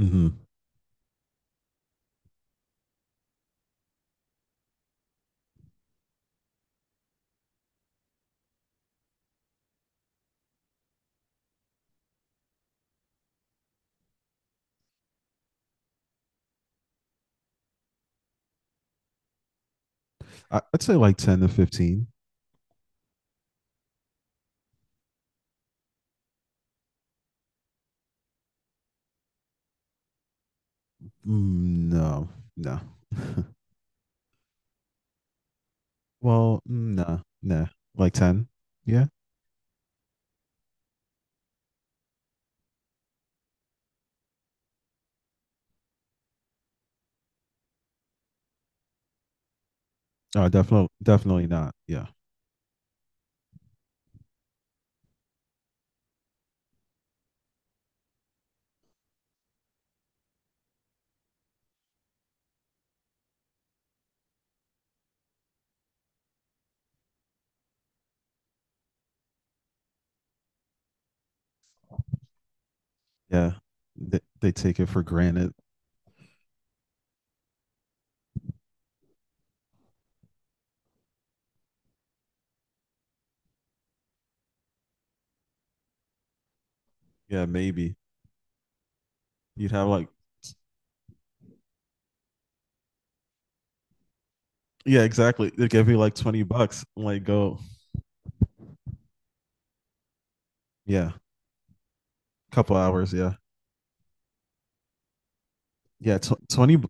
Mm-hmm. I would say like 10 to 15. Mm, no, no. No. Like 10. Yeah. Oh, definitely, definitely not. Yeah. Yeah. They take it for granted. Yeah, maybe. You'd have like, yeah, exactly. They'd give you like 20 bucks. Like, go. Yeah. Couple hours. Yeah. Yeah. Tw- 20. bu-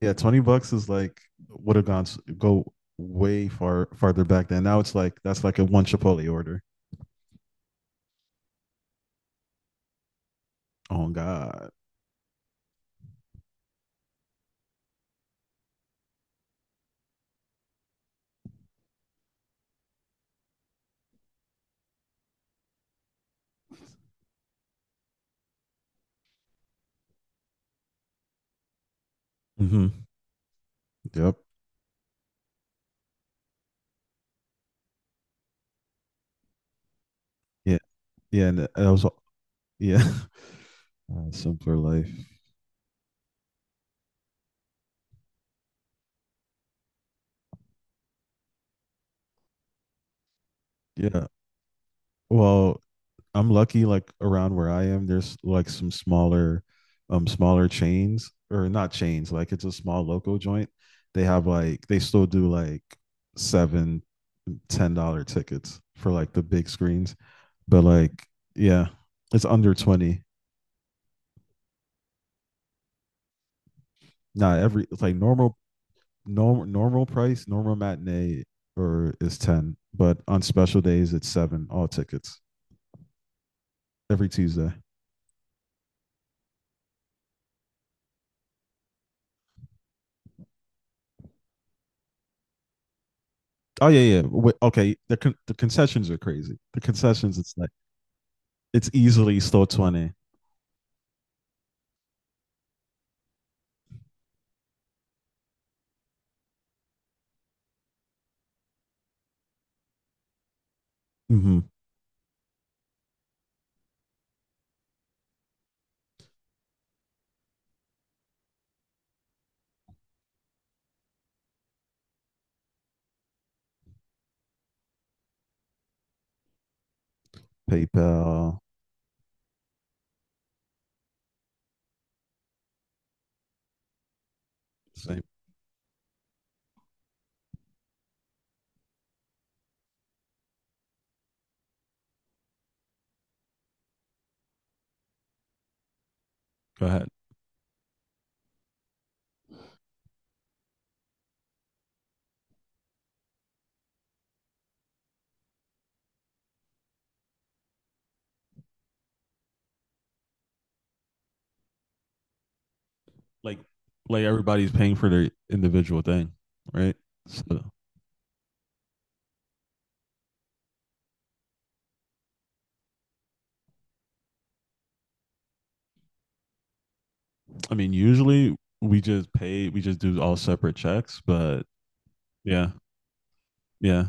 Yeah. 20 bucks is like, would have gone, s- go way far, farther back then. Now it's like, that's like a one Chipotle order. Oh, God. Mm-hmm. Yep. yeah, and I was yeah, simpler life. Yeah. Well, I'm lucky, like around where I am, there's like some smaller smaller chains, or not chains, like it's a small local joint. They have like they still do like seven, $10 tickets for like the big screens. But like yeah, it's under 20. Not every It's like normal, normal price, normal matinee or is ten. But on special days it's seven, all tickets. Every Tuesday. Oh yeah, yeah. Wait, okay, the concessions are crazy. The concessions, it's like it's easily still 20. Mm-hmm. PayPal. Same. Go ahead. Like, like everybody's paying for their individual thing, right? So, I mean, usually we just pay. We just do all separate checks, but yeah, yeah.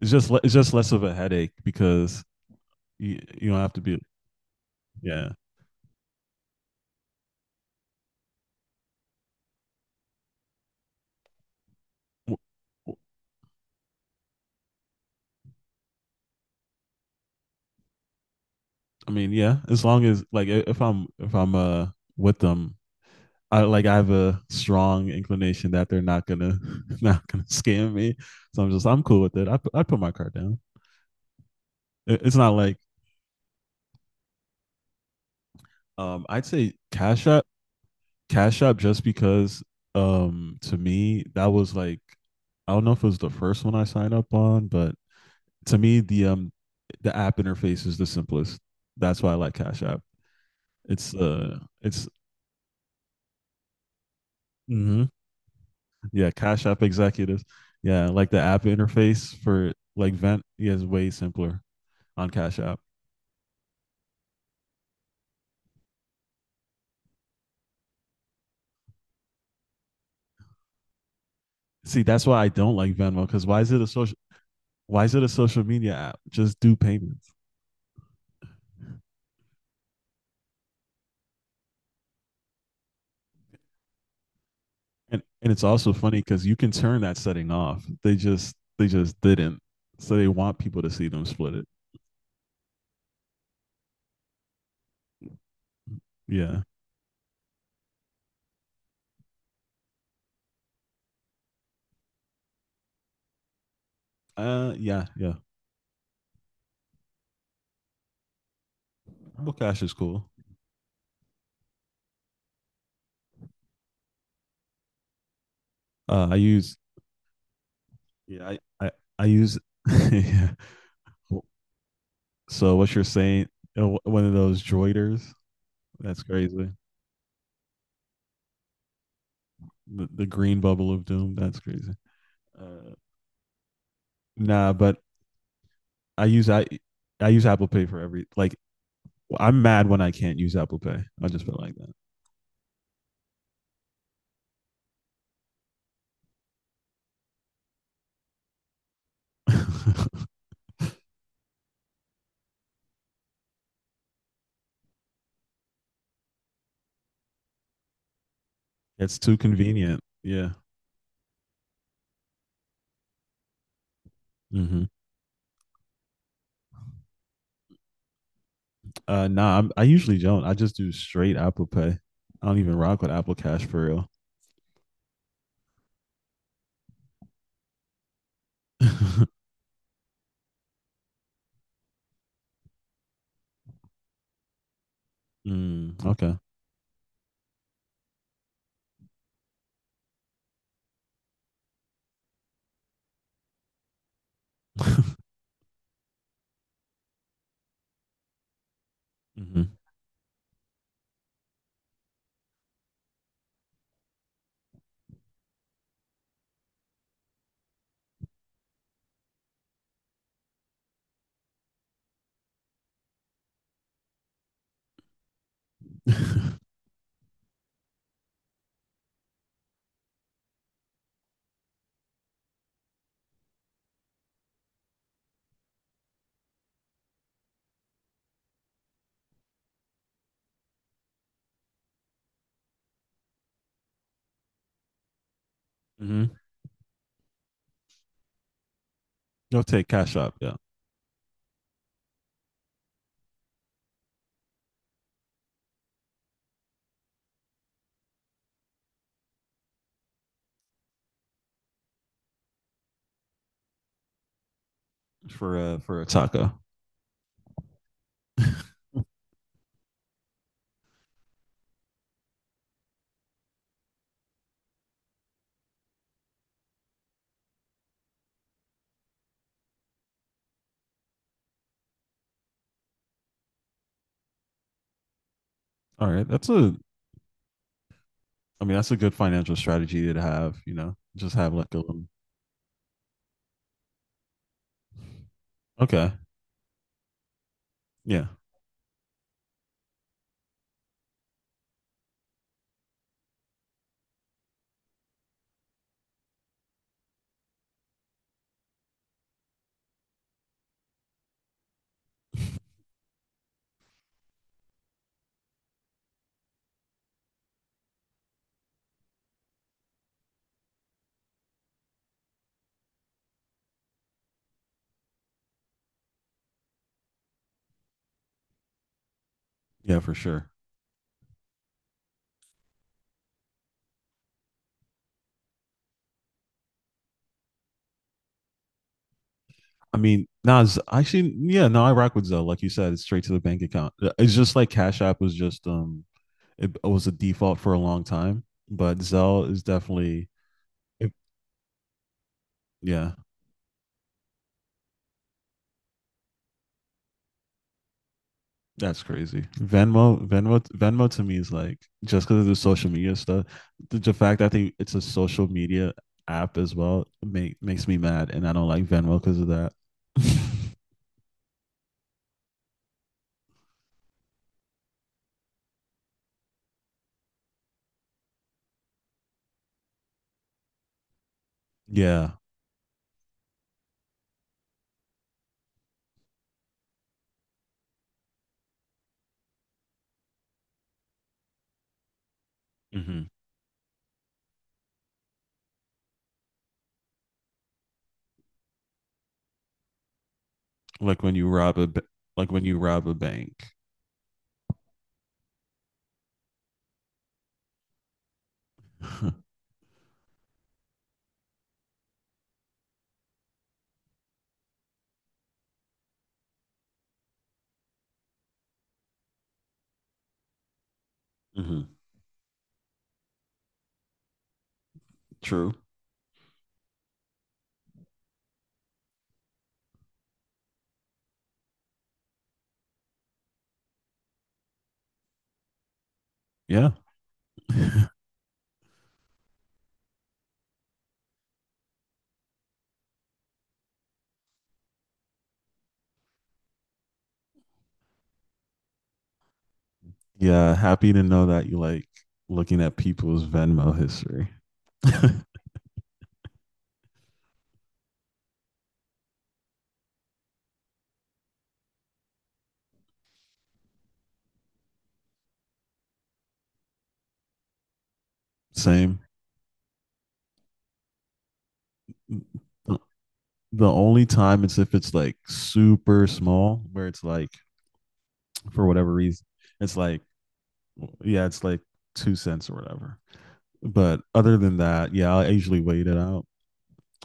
It's just less of a headache because you don't have to be. Yeah. I mean, yeah. As long as like if I'm with them, I like I have a strong inclination that they're not gonna not gonna scam me. So I'm just I'm cool with it. I put my card down. It's not like I'd say Cash App. Cash App, just because to me that was like, I don't know if it was the first one I signed up on, but to me the app interface is the simplest. That's why I like Cash App. It's mhm. Yeah, Cash App executives. Yeah, like the app interface for like Vent yeah, is way simpler on Cash App. See, that's why I don't like Venmo, because why is it a social? Why is it a social media app? Just do payments. And it's also funny because you can turn that setting off. They just didn't. So they want people to see them split it. Yeah. Yeah. Yeah. Apple Cash is cool. I use. Yeah. I use. yeah. So what you're saying? One of those droiders. That's crazy. The green bubble of doom. That's crazy. Uh, nah, but I use I I use Apple Pay for every like, I'm mad when I can't use Apple Pay. I just feel like that. It's too convenient. Yeah. Mm-hmm. Nah, I usually don't. I just do straight Apple Pay. I don't even rock with Apple Cash for real. Mm, okay. mm-hmm. mm-hmm. You'll take Cash App, yeah, for a taco. All right, that's a I mean, that's a good financial strategy to have, you know, just have like a little. Okay. Yeah. Yeah, for sure. I mean, nah, actually, yeah, no, I rock with Zelle. Like you said, it's straight to the bank account. It's just like Cash App was just, it was a default for a long time, but Zelle is definitely, it- yeah. That's crazy. Venmo to me is like, just because of the social media stuff. The fact that I think it's a social media app as well makes me mad, and I don't like Venmo because of that. yeah, Mm-hmm. like when you rob a like when you rob a bank. Mm-hmm. True. Yeah, yeah. Happy to know that you like looking at people's Venmo history. Same. The only time it's if it's like super small, where it's like for whatever reason. It's like, yeah, it's like 2 cents or whatever. But other than that, yeah, I usually wait it out.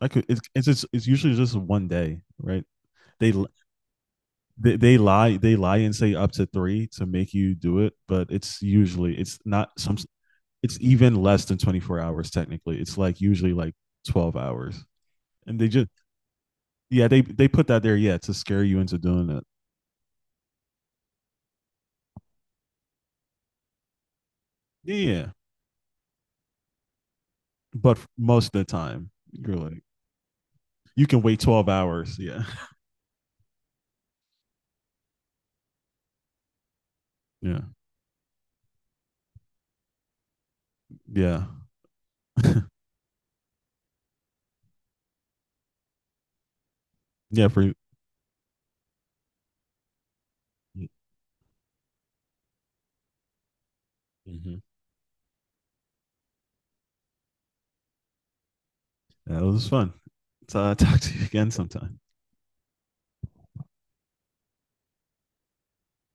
I could. It's usually just one day, right? They, they lie and say up to three to make you do it, but it's usually it's not some. It's even less than 24 hours technically. It's like usually like 12 hours, and they just yeah they put that there, yeah, to scare you into doing it. Yeah, but most of the time you're like you can wait 12 hours. Yeah, yeah. Yeah. yeah. For, mhm. Yeah, it was fun. So I'll talk to you again sometime.